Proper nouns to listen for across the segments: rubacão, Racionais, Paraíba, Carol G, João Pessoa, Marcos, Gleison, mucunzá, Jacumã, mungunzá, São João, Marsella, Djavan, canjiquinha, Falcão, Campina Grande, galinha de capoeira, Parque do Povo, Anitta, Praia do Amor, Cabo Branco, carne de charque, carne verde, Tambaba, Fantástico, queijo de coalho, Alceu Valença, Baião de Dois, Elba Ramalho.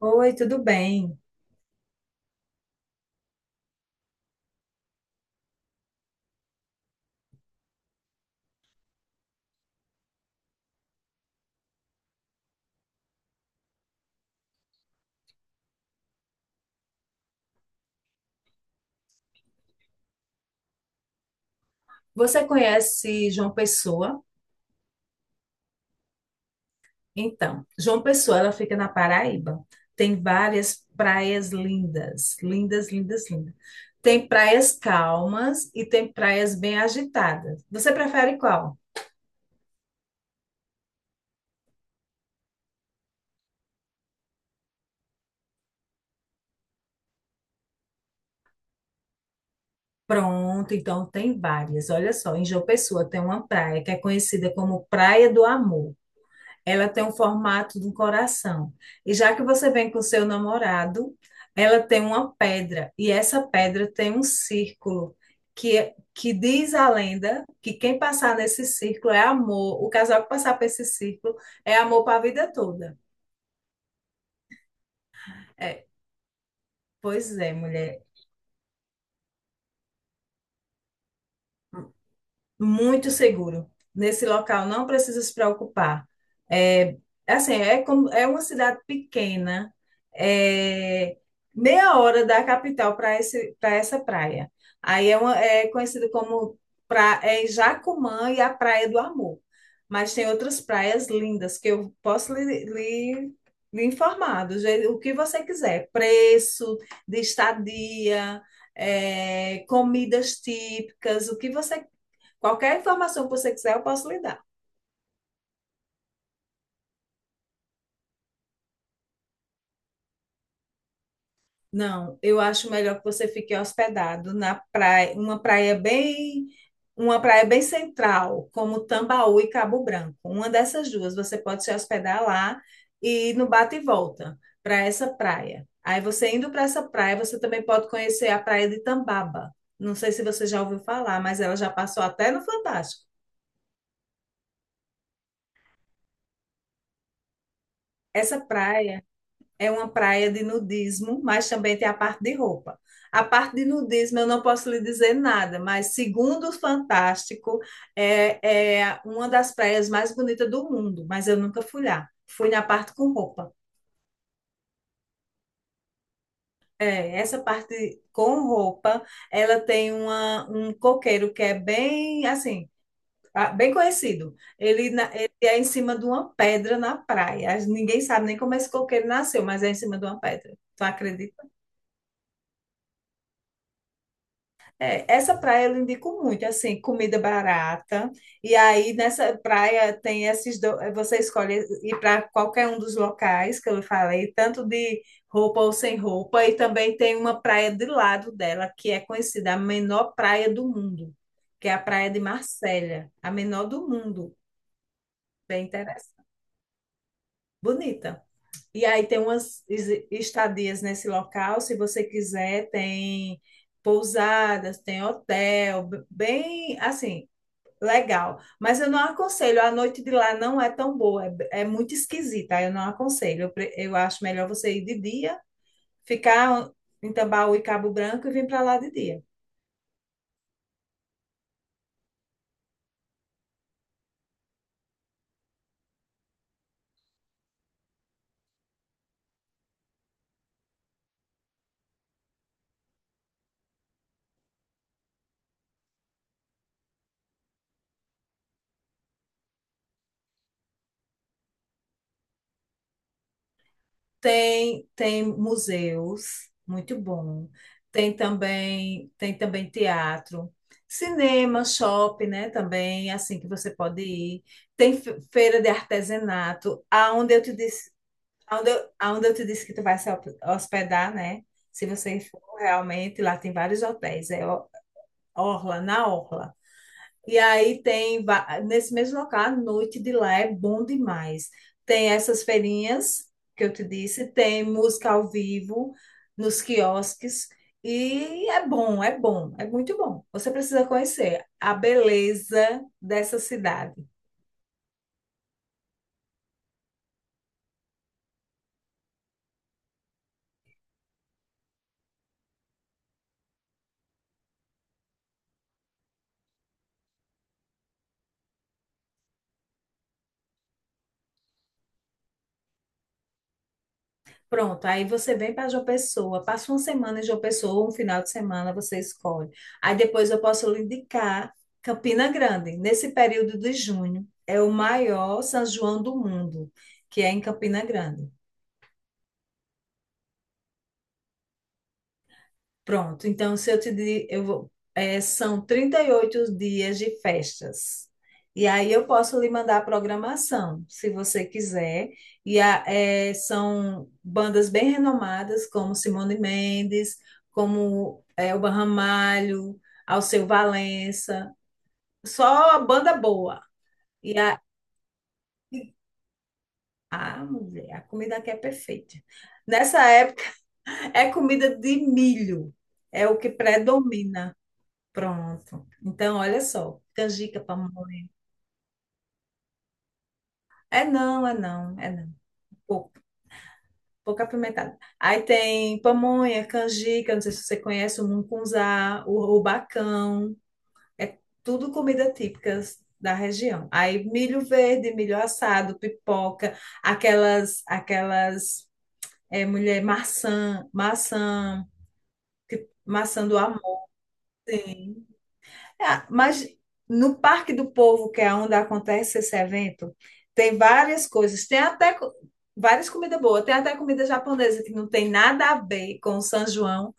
Oi, tudo bem? Você conhece João Pessoa? Então, João Pessoa, ela fica na Paraíba. Tem várias praias lindas, lindas, lindas, lindas. Tem praias calmas e tem praias bem agitadas. Você prefere qual? Pronto, então tem várias. Olha só, em João Pessoa tem uma praia que é conhecida como Praia do Amor. Ela tem um formato de um coração. E já que você vem com o seu namorado, ela tem uma pedra. E essa pedra tem um círculo que diz a lenda que quem passar nesse círculo é amor. O casal que passar por esse círculo é amor para a vida toda. É, pois é, mulher. Muito seguro. Nesse local não precisa se preocupar. É, assim, é como é uma cidade pequena, é meia hora da capital para essa praia. Aí é conhecido como pra, é Jacumã e a Praia do Amor. Mas tem outras praias lindas que eu posso lhe informar do jeito, o que você quiser, preço de estadia, comidas típicas, o que você. Qualquer informação que você quiser, eu posso lhe dar. Não, eu acho melhor que você fique hospedado na praia, uma praia bem central, como Tambaú e Cabo Branco. Uma dessas duas, você pode se hospedar lá e ir no bate e volta para essa praia. Aí você indo para essa praia, você também pode conhecer a praia de Tambaba. Não sei se você já ouviu falar, mas ela já passou até no Fantástico. Essa praia. É uma praia de nudismo, mas também tem a parte de roupa. A parte de nudismo eu não posso lhe dizer nada, mas segundo o Fantástico, é uma das praias mais bonitas do mundo, mas eu nunca fui lá. Fui na parte com roupa. É, essa parte com roupa, ela tem um coqueiro que é bem assim, ah, bem conhecido. Ele é em cima de uma pedra na praia. Ninguém sabe nem como esse coqueiro nasceu, mas é em cima de uma pedra. Tu acredita? É, essa praia eu indico muito, assim, comida barata. E aí nessa praia tem você escolhe ir para qualquer um dos locais que eu falei, tanto de roupa ou sem roupa, e também tem uma praia de lado dela que é conhecida a menor praia do mundo, que é a praia de Marsella, a menor do mundo. Bem interessante. Bonita. E aí tem estadias nesse local, se você quiser, tem pousadas, tem hotel, bem assim. Legal, mas eu não aconselho, a noite de lá não é tão boa, é muito esquisita, eu não aconselho. Eu acho melhor você ir de dia, ficar em Tambaú e Cabo Branco e vir para lá de dia. Tem, tem museus, muito bom. Tem também teatro, cinema, shopping, né, também, assim que você pode ir. Tem feira de artesanato, aonde eu te disse. Aonde eu te disse que tu vai se hospedar, né? Se você for realmente, lá tem vários hotéis, Orla, na Orla. E aí tem, nesse mesmo local, a noite de lá é bom demais. Tem essas feirinhas que eu te disse, tem música ao vivo nos quiosques, e é muito bom. Você precisa conhecer a beleza dessa cidade. Pronto, aí você vem para João Pessoa, passa uma semana em João Pessoa, um final de semana você escolhe. Aí depois eu posso lhe indicar Campina Grande. Nesse período de junho, é o maior São João do mundo, que é em Campina Grande. Pronto, então se eu te di- eu vou, são 38 dias de festas. E aí eu posso lhe mandar a programação, se você quiser. São bandas bem renomadas, como Simone Mendes, Elba Ramalho, Alceu Valença. Só banda boa. E a, a mulher, a comida aqui é perfeita. Nessa época é comida de milho, é o que predomina. Pronto. Então, olha só, canjica, pamonha. É não. Pouco, pouco apimentado. Aí tem pamonha, canjica, não sei se você conhece o mungunzá, o rubacão. É tudo comida típica da região. Aí milho verde, milho assado, pipoca, aquelas, aquelas, mulher, maçã do amor. Ah, mas no Parque do Povo, que é onde acontece esse evento, tem várias coisas. Tem várias comidas boas. Tem até comida japonesa que não tem nada a ver com o São João,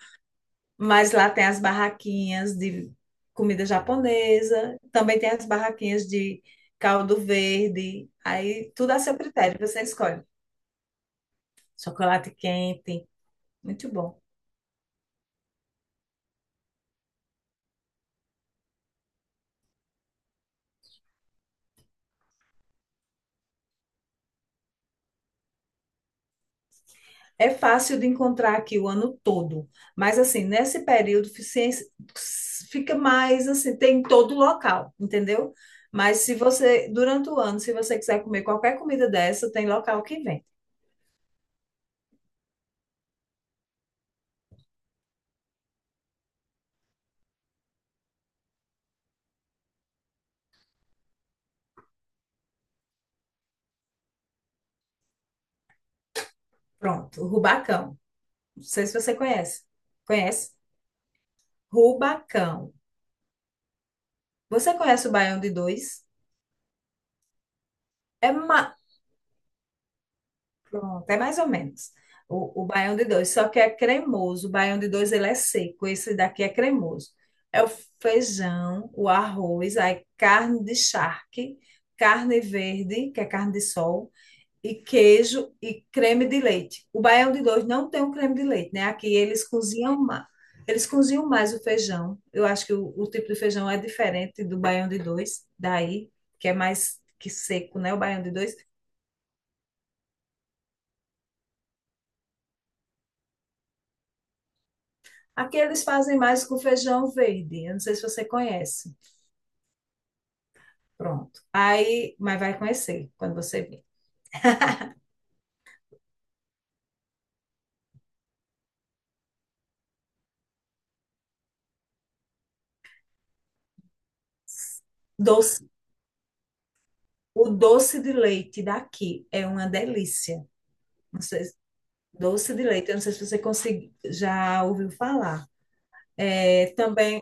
mas lá tem as barraquinhas de comida japonesa. Também tem as barraquinhas de caldo verde. Aí tudo a seu critério, você escolhe. Chocolate quente, muito bom. É fácil de encontrar aqui o ano todo, mas assim, fica mais assim, tem em todo local, entendeu? Mas se você, durante o ano, se você quiser comer qualquer comida dessa, tem local que vende. Pronto, Rubacão. Não sei se você conhece. Conhece? Rubacão. Você conhece o Baião de Dois? É, ma- Pronto, é mais ou menos o baião de dois, só que é cremoso. O baião de dois ele é seco, esse daqui é cremoso. É o feijão, o arroz, aí carne de charque, carne verde, que é carne de sol, e queijo e creme de leite. O baião de dois não tem o creme de leite, né? Aqui eles cozinham mais. Eles cozinham mais o feijão. Eu acho que o tipo de feijão é diferente do baião de dois, daí, que é mais que seco, né? O baião de dois. Aqui eles fazem mais com feijão verde. Eu não sei se você conhece. Pronto. Aí, mas vai conhecer quando você vir. Doce. O doce de leite daqui é uma delícia. Não sei, doce de leite, eu não sei se você já ouviu falar. É, também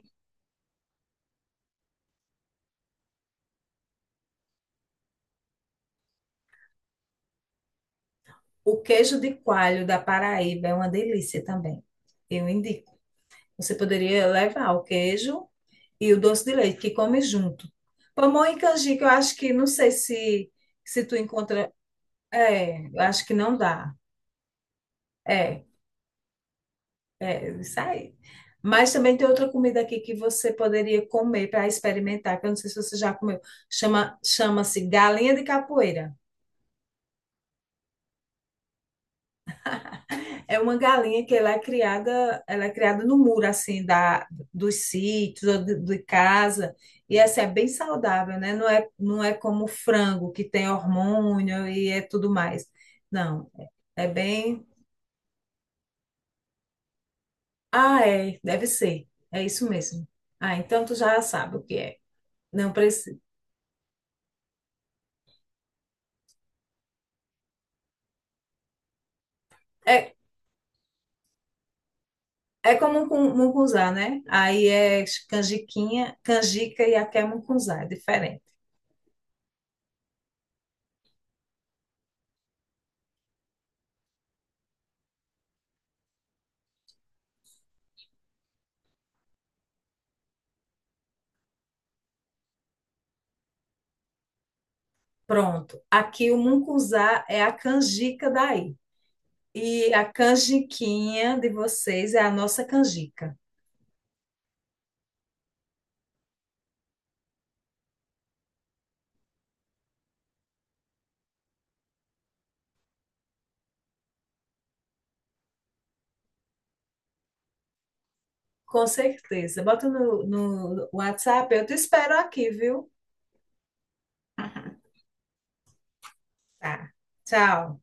o queijo de coalho da Paraíba é uma delícia também. Eu indico. Você poderia levar o queijo e o doce de leite que come junto. Pamonha e canjica, eu acho que não sei se se tu encontra é, eu acho que não dá. É, isso aí. Mas também tem outra comida aqui que você poderia comer para experimentar, que eu não sei se você já comeu. Chama-se galinha de capoeira. É uma galinha que ela é criada no muro assim da dos sítios ou de casa. E essa é bem saudável, né? Não é como o frango que tem hormônio e é tudo mais. Não, é bem. Ah, é, deve ser. É isso mesmo. Ah, então tu já sabe o que é. Não precisa. É, é como mucunzá, né? Aí é canjiquinha, canjica e aqui é mucunzá, é diferente. Pronto. Aqui o mucunzá é a canjica daí. E a canjiquinha de vocês é a nossa canjica. Com certeza. Bota no WhatsApp, eu te espero aqui, viu? Tá. Tchau.